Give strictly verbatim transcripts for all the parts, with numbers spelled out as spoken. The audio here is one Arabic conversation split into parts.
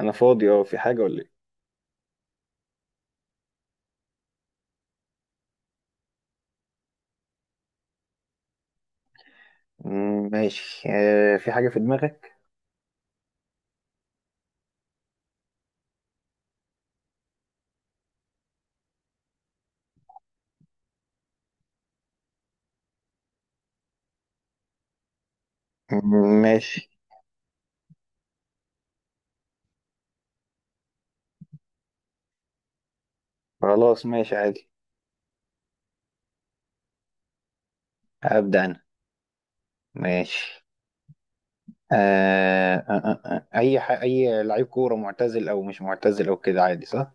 انا فاضي اه، في حاجه ولا ايه؟ مم، ماشي. آه، في حاجة في دماغك؟ مم، ماشي. خلاص ماشي عادي. أبدأ أنا. ماشي. آه آه آه آه. أي ح... أي لعيب كورة معتزل أو مش معتزل أو كده عادي صح؟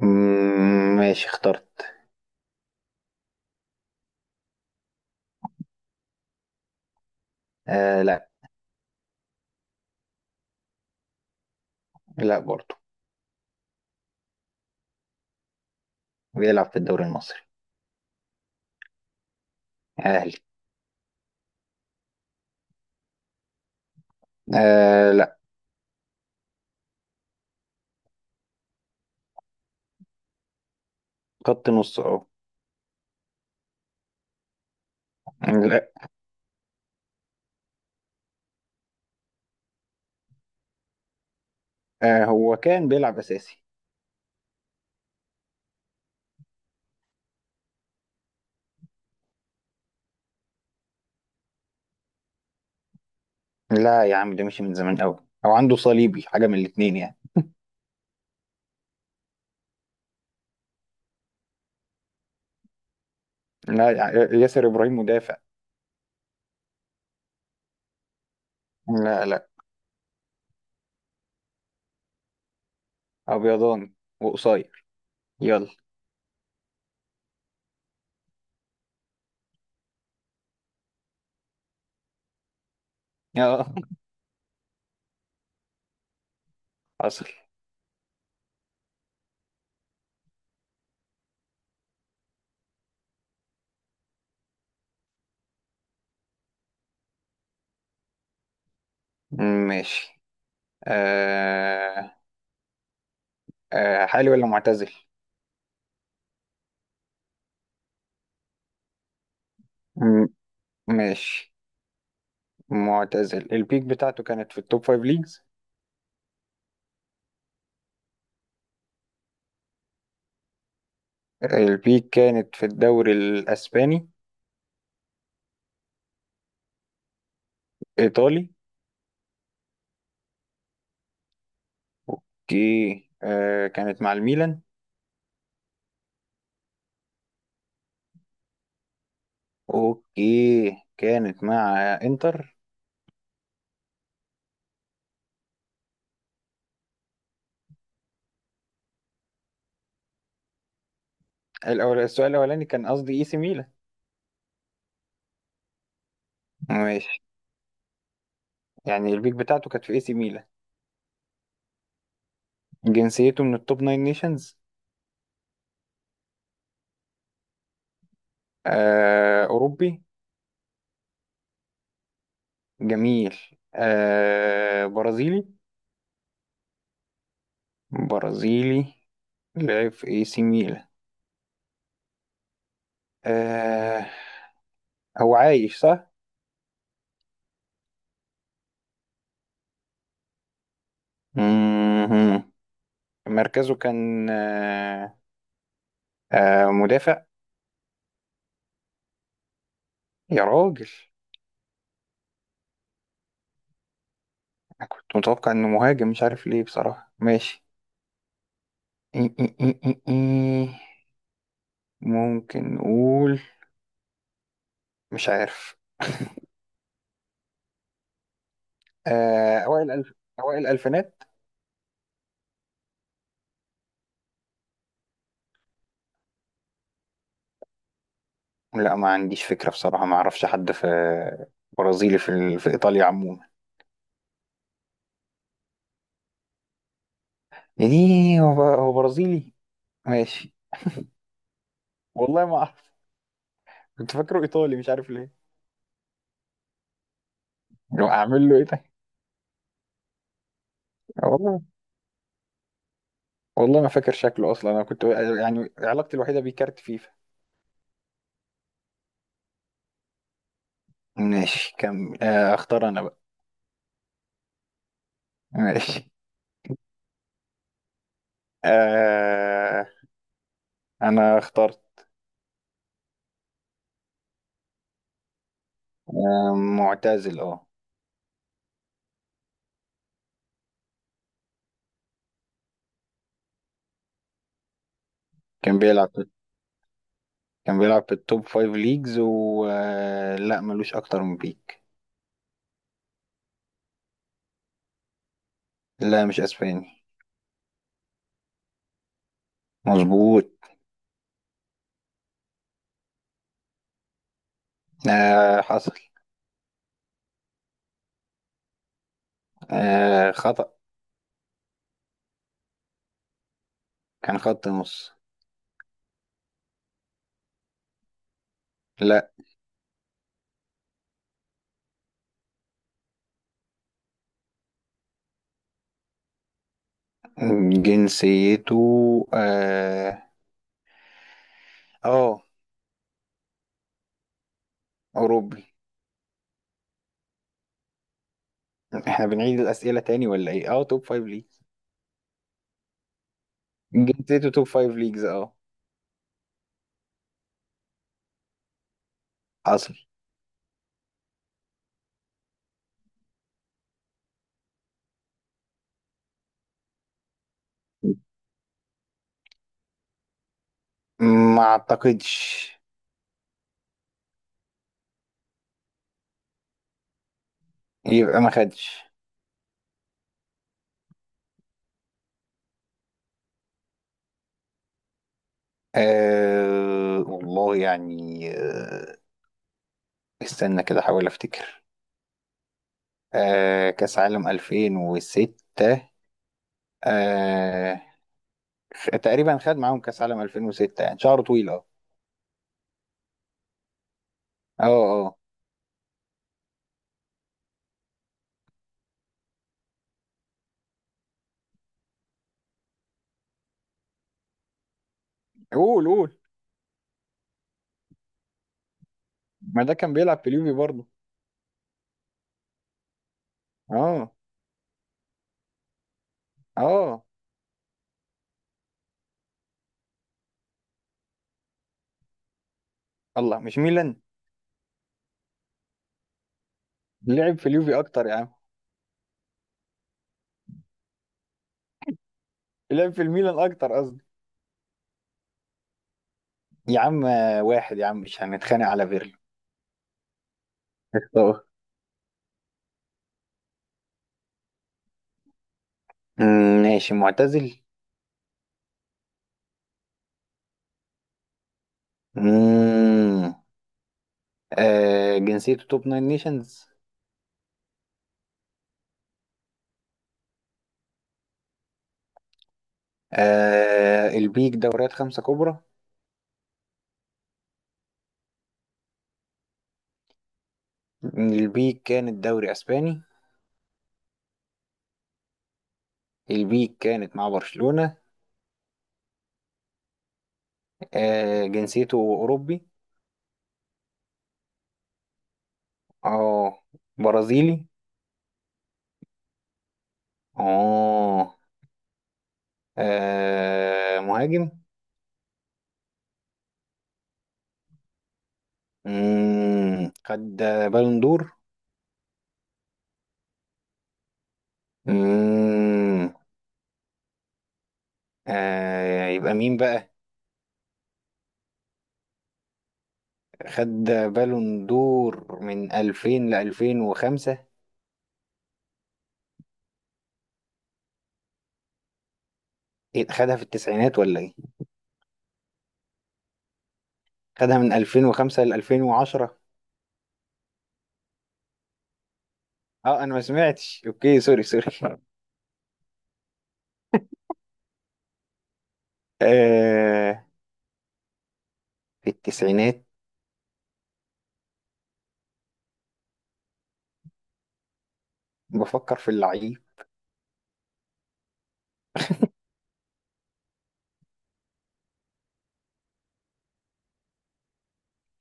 مم، ماشي اخترت. آه لا. لا برضه. بيلعب في الدوري المصري. أهلي. آه لا. خط نص أهو. لا. آه هو كان بيلعب أساسي. لا يا عم، ده مشي من زمان أوي، أو عنده صليبي، حاجة من الاتنين يعني. لا. ياسر إبراهيم مدافع. لا لا. ابيضان وقصير. يلا. اه. حصل. ماشي. آه آه حالي ولا معتزل. م- ماشي. معتزل. البيك بتاعته كانت في التوب فايف ليجز. البيك كانت في الدوري الاسباني. ايطالي. اوكي. آه كانت مع الميلان. اوكي كانت مع انتر. الاول، السؤال الاولاني كان قصدي اي سي ميلان. ماشي. يعني البيك بتاعته كانت في اي سي ميلان. جنسيته من التوب ناين نيشنز. آه أوروبي. جميل. آه برازيلي. برازيلي. لعب في اي سي ميلان. آه. هو عايش صح؟ مهم. مركزه كان آه آه مدافع. يا راجل. أنا كنت متوقع انه مهاجم، مش عارف ليه بصراحة. ماشي. إي- إي- إي- إي- إي. ممكن نقول مش عارف. آه أوائل الألف أوائل الألفينات. لا ما عنديش فكرة بصراحة، ما اعرفش حد في برازيلي في ال... في ايطاليا عموما. يعني هو ب- هو برازيلي. ماشي. والله ما اعرف. كنت فاكره ايطالي مش عارف ليه. لو اعمل له ايه طيب. والله. والله ما فاكر شكله اصلا. انا كنت يعني علاقتي الوحيدة بيه كارت فيفا. ماشي كمل، آه، اختار انا بقى. ماشي. آه انا اخترت. آه، معتزل اه. كان بيلعب كان بيلعب في التوب فايف ليجز، و آه، لا ملوش اكتر من بيك. لا مش اسباني. مظبوط. آه حصل. آه خطأ. كان خط نص. لا. جنسيته اه، آه، أوروبي. احنا بنعيد الأسئلة تاني ولا ايه؟ اه توب فايف ليجز. جنسيته توب فايف ليجز اه. حصل. ما اعتقدش. يبقى ما خدش. آه والله يعني آه، استنى كده احاول افتكر. آه كاس عالم ألفين وستة. آه تقريبا خد معاهم كاس عالم ألفين وستة يعني شعره طويل اه. اه اه. قول قول. ما ده كان بيلعب في اليوفي برضه. اه. اه الله، مش ميلان؟ لعب في اليوفي اكتر يا عم. لعب في الميلان اكتر قصدي. يا عم آه، واحد يا عم، مش هنتخانق على فيرلو. اختار. مم، ماشي معتزل. مم. آه جنسيته توب ناين نيشنز. آه البيك دوريات خمسة كبرى. البيك كانت دوري اسباني. البيك كانت مع برشلونة. آه جنسيته اوروبي. اه برازيلي. اه. آه مهاجم. مم. خد بالون دور. مم. آه يبقى مين بقى. خد بالون دور من ألفين ل ألفين وخمسة. إيه، خدها في التسعينات ولا ايه؟ خدها من ألفين وخمسة ل ألفين وعشرة. اه انا ما سمعتش، اوكي سوري سوري. آه في التسعينات. بفكر في اللعيب.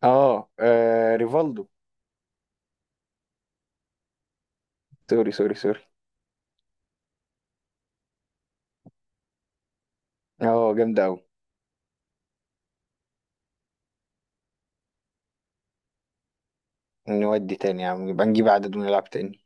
اه آه، ريفالدو. سوري سوري سوري. اه جامد قوي. نودي تاني يا عم، يبقى نجيب عدد ونلعب تاني.